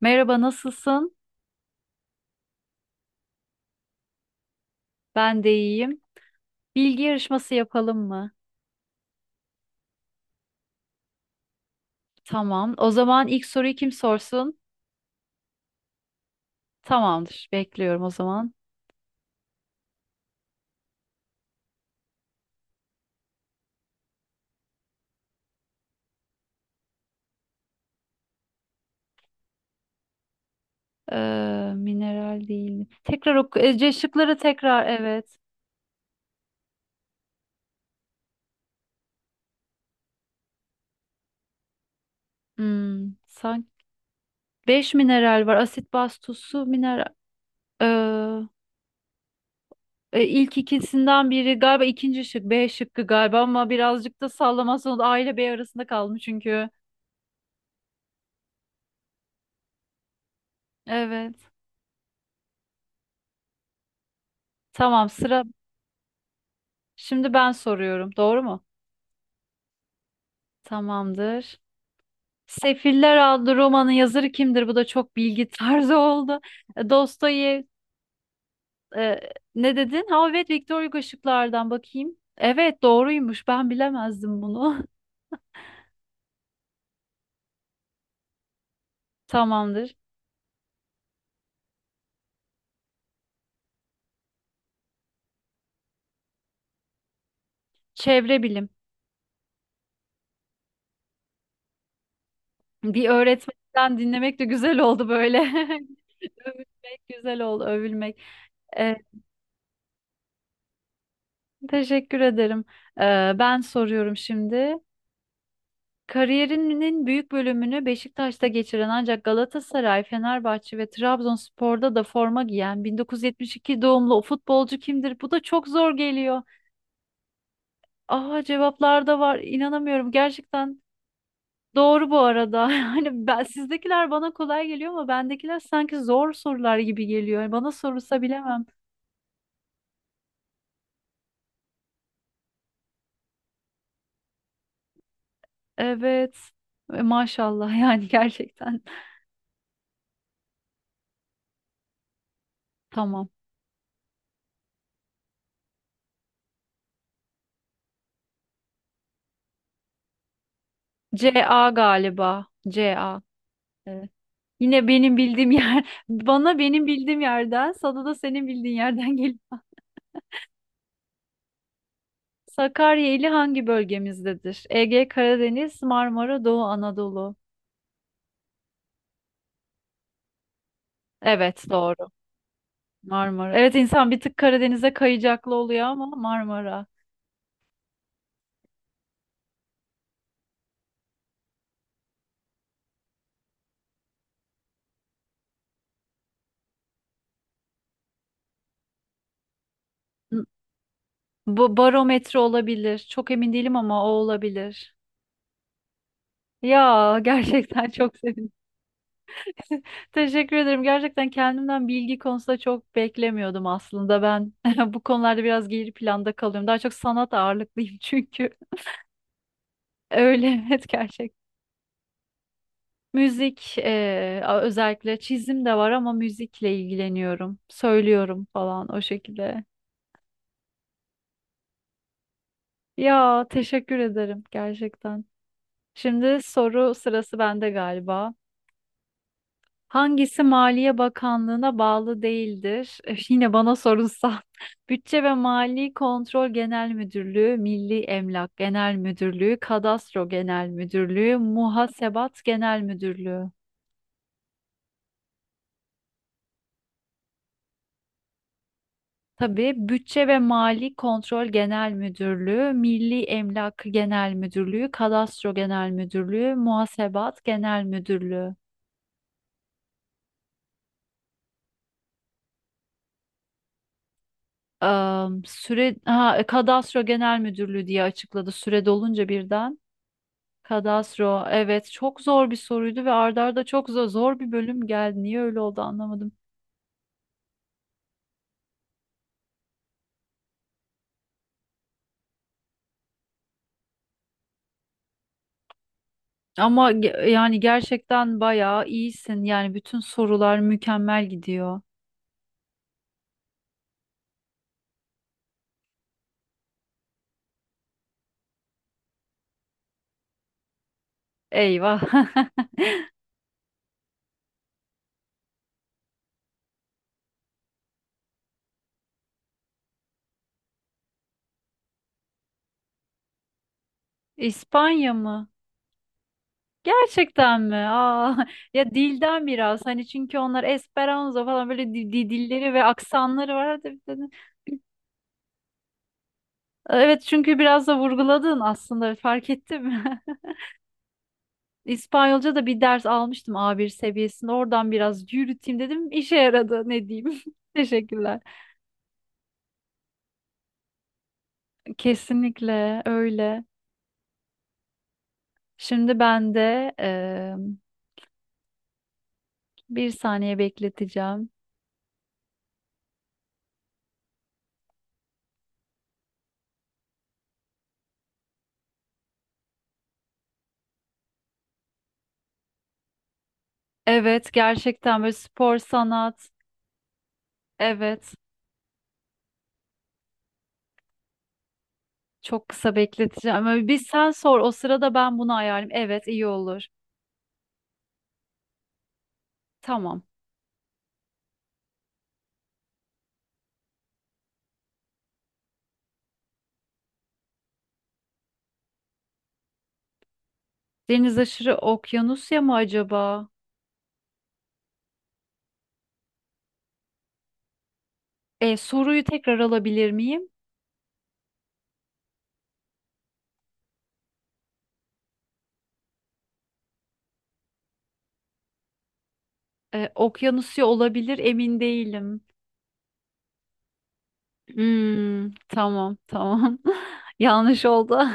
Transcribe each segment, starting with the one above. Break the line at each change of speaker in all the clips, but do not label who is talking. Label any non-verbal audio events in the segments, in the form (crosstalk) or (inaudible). Merhaba, nasılsın? Ben de iyiyim. Bilgi yarışması yapalım mı? Tamam. O zaman ilk soruyu kim sorsun? Tamamdır. Bekliyorum o zaman. Mineral değil. Tekrar oku. Ece şıkları tekrar. Evet. Hmm, sanki beş mineral var. Asit, baz, tuz, su, mineral. Ee, ilk ikisinden biri galiba ikinci şık. B şıkkı galiba ama birazcık da sallamazsan o da A ile B arasında kaldım çünkü. Evet. Tamam sıra. Şimdi ben soruyorum. Doğru mu? Tamamdır. Sefiller adlı romanın yazarı kimdir? Bu da çok bilgi tarzı oldu. E, Dostoyev e, ne dedin? Ha evet, Victor Hugo şıklardan bakayım. Evet doğruymuş. Ben bilemezdim bunu. (laughs) Tamamdır. Çevre bilim. Bir öğretmenden dinlemek de güzel oldu böyle. (laughs) Övülmek güzel oldu, övülmek. E, teşekkür ederim. E, ben soruyorum şimdi. Kariyerinin büyük bölümünü Beşiktaş'ta geçiren ancak Galatasaray, Fenerbahçe ve Trabzonspor'da da forma giyen 1972 doğumlu o futbolcu kimdir? Bu da çok zor geliyor. Aha cevaplar da var. İnanamıyorum. Gerçekten doğru bu arada. (laughs) Hani ben sizdekiler bana kolay geliyor ama bendekiler sanki zor sorular gibi geliyor. Bana sorulsa bilemem. Evet. E, maşallah yani gerçekten. (laughs) Tamam. C A galiba. C A. Evet. Yine benim bildiğim yer, (laughs) bana benim bildiğim yerden, sana da senin bildiğin yerden gelin. Sakarya ili hangi bölgemizdedir? Ege, Karadeniz, Marmara, Doğu Anadolu. Evet, doğru. Marmara. Evet, insan bir tık Karadeniz'e kayacaklı oluyor ama Marmara. N- Bu barometre olabilir. Çok emin değilim ama o olabilir. Ya gerçekten çok sevindim. (laughs) Teşekkür ederim. Gerçekten kendimden bilgi konusunda çok beklemiyordum aslında. Ben (laughs) bu konularda biraz geri planda kalıyorum. Daha çok sanat ağırlıklıyım çünkü. (laughs) Öyle evet gerçekten. Müzik özellikle çizim de var ama müzikle ilgileniyorum. Söylüyorum falan o şekilde. Ya teşekkür ederim gerçekten. Şimdi soru sırası bende galiba. Hangisi Maliye Bakanlığı'na bağlı değildir? (laughs) Yine bana sorulsa. (laughs) Bütçe ve Mali Kontrol Genel Müdürlüğü, Milli Emlak Genel Müdürlüğü, Kadastro Genel Müdürlüğü, Muhasebat Genel Müdürlüğü. Tabii, Bütçe ve Mali Kontrol Genel Müdürlüğü, Milli Emlak Genel Müdürlüğü, Kadastro Genel Müdürlüğü, Muhasebat Genel Müdürlüğü. Am, süre ha, Kadastro Genel Müdürlüğü diye açıkladı süre dolunca birden. Kadastro. Evet, çok zor bir soruydu ve arda arda çok zor, zor bir bölüm geldi. Niye öyle oldu anlamadım. Yani gerçekten bayağı iyisin. Yani bütün sorular mükemmel gidiyor. Eyvah. (laughs) İspanya mı? Gerçekten mi? Aa, (laughs) ya dilden biraz hani çünkü onlar Esperanto falan böyle dilleri ve aksanları var. Hadi bir tane- Evet çünkü biraz da vurguladın aslında fark ettim. (laughs) İspanyolca da bir ders almıştım A1 seviyesinde. Oradan biraz yürüteyim dedim. İşe yaradı ne diyeyim. (laughs) Teşekkürler. Kesinlikle öyle. Şimdi ben de bir saniye bekleteceğim. Evet gerçekten böyle spor sanat. Evet çok kısa bekleteceğim. Ama bir sen sor o sırada ben bunu ayarlayayım. Evet iyi olur. Tamam. Deniz aşırı okyanusya mı acaba? E, soruyu tekrar alabilir miyim? E, okyanusya olabilir, emin değilim. Hmm, tamam, tamam. (laughs) Yanlış oldu. (laughs)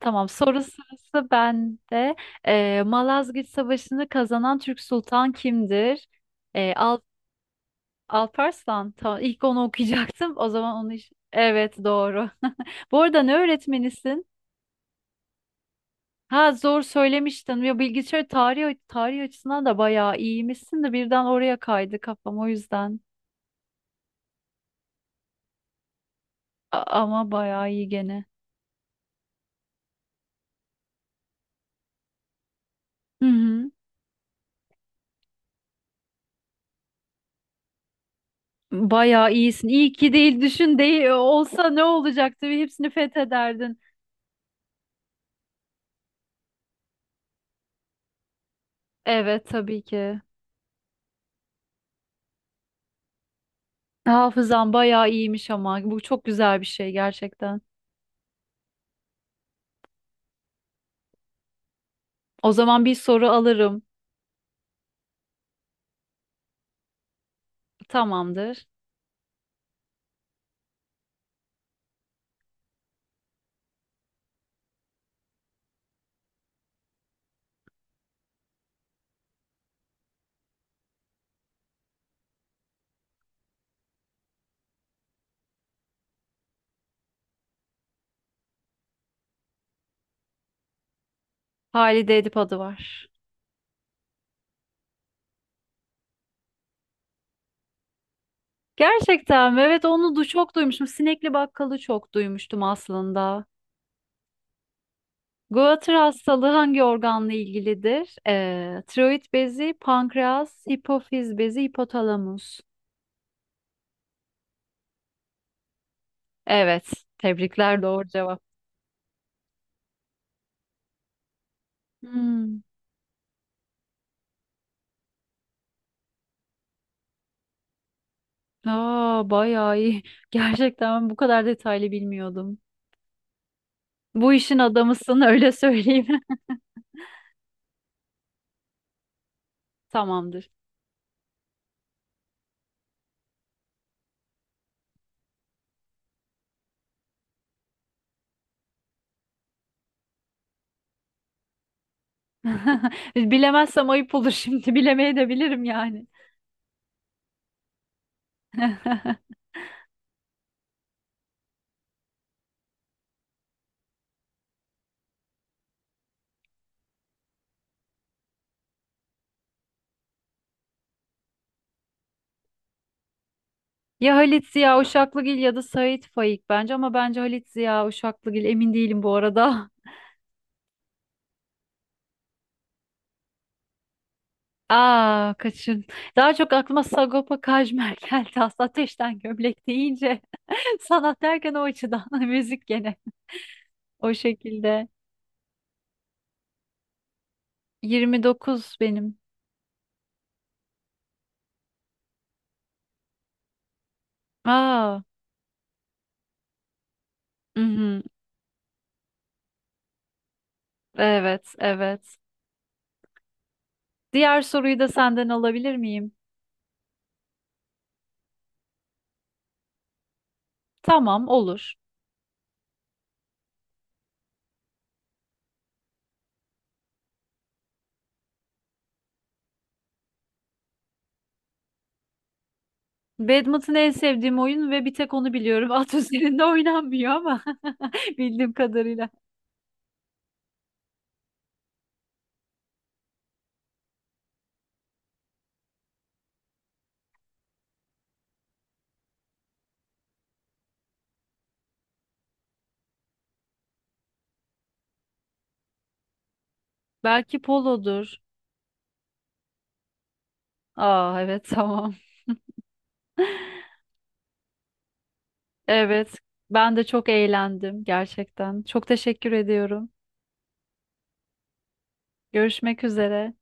Tamam soru sırası bende. Malazgirt Savaşı'nı kazanan Türk Sultan kimdir? Al Alparslan. Tamam, ilk onu okuyacaktım. O zaman onu... iş- Evet doğru. (laughs) Bu arada ne öğretmenisin? Ha zor söylemiştin. Ya bilgisayar tarih açısından da bayağı iyiymişsin de birden oraya kaydı kafam o yüzden. Ama bayağı iyi gene. Hı hı. Bayağı iyisin. İyi ki değil düşün değil olsa ne olacaktı? Hepsini fethederdin. Evet tabii ki. Hafızan bayağı iyiymiş ama bu çok güzel bir şey gerçekten. O zaman bir soru alırım. Tamamdır. Halide Edip adı var. Gerçekten mi? Evet onu du çok duymuştum. Sinekli bakkalı çok duymuştum aslında. Goitre hastalığı hangi organla ilgilidir? Tiroid bezi, pankreas, hipofiz bezi, hipotalamus. Evet. Tebrikler, doğru cevap. Hmm. Aa, bayağı iyi. (laughs) Gerçekten ben bu kadar detaylı bilmiyordum. Bu işin adamısın öyle söyleyeyim. (laughs) Tamamdır. (laughs) Bilemezsem ayıp olur şimdi. (laughs) Bilemeye de bilirim yani. (laughs) Ya Halit Ziya Uşaklıgil ya da Sait Faik bence, ama bence Halit Ziya Uşaklıgil, emin değilim bu arada. (laughs) Aa kaçın. Daha çok aklıma Sagopa Kajmer (laughs) geldi. Aslında ateşten gömlek deyince (laughs) sanat derken o açıdan (laughs) müzik gene o şekilde. 29 benim. Aa. Mhm. Evet, evet. Diğer soruyu da senden alabilir miyim? Tamam, olur. Badminton en sevdiğim oyun ve bir tek onu biliyorum. (laughs) At üzerinde oynanmıyor ama (laughs) bildiğim kadarıyla. Belki polodur. Aa, evet, (laughs) tamam. Evet, ben de çok eğlendim gerçekten. Çok teşekkür ediyorum. Görüşmek üzere.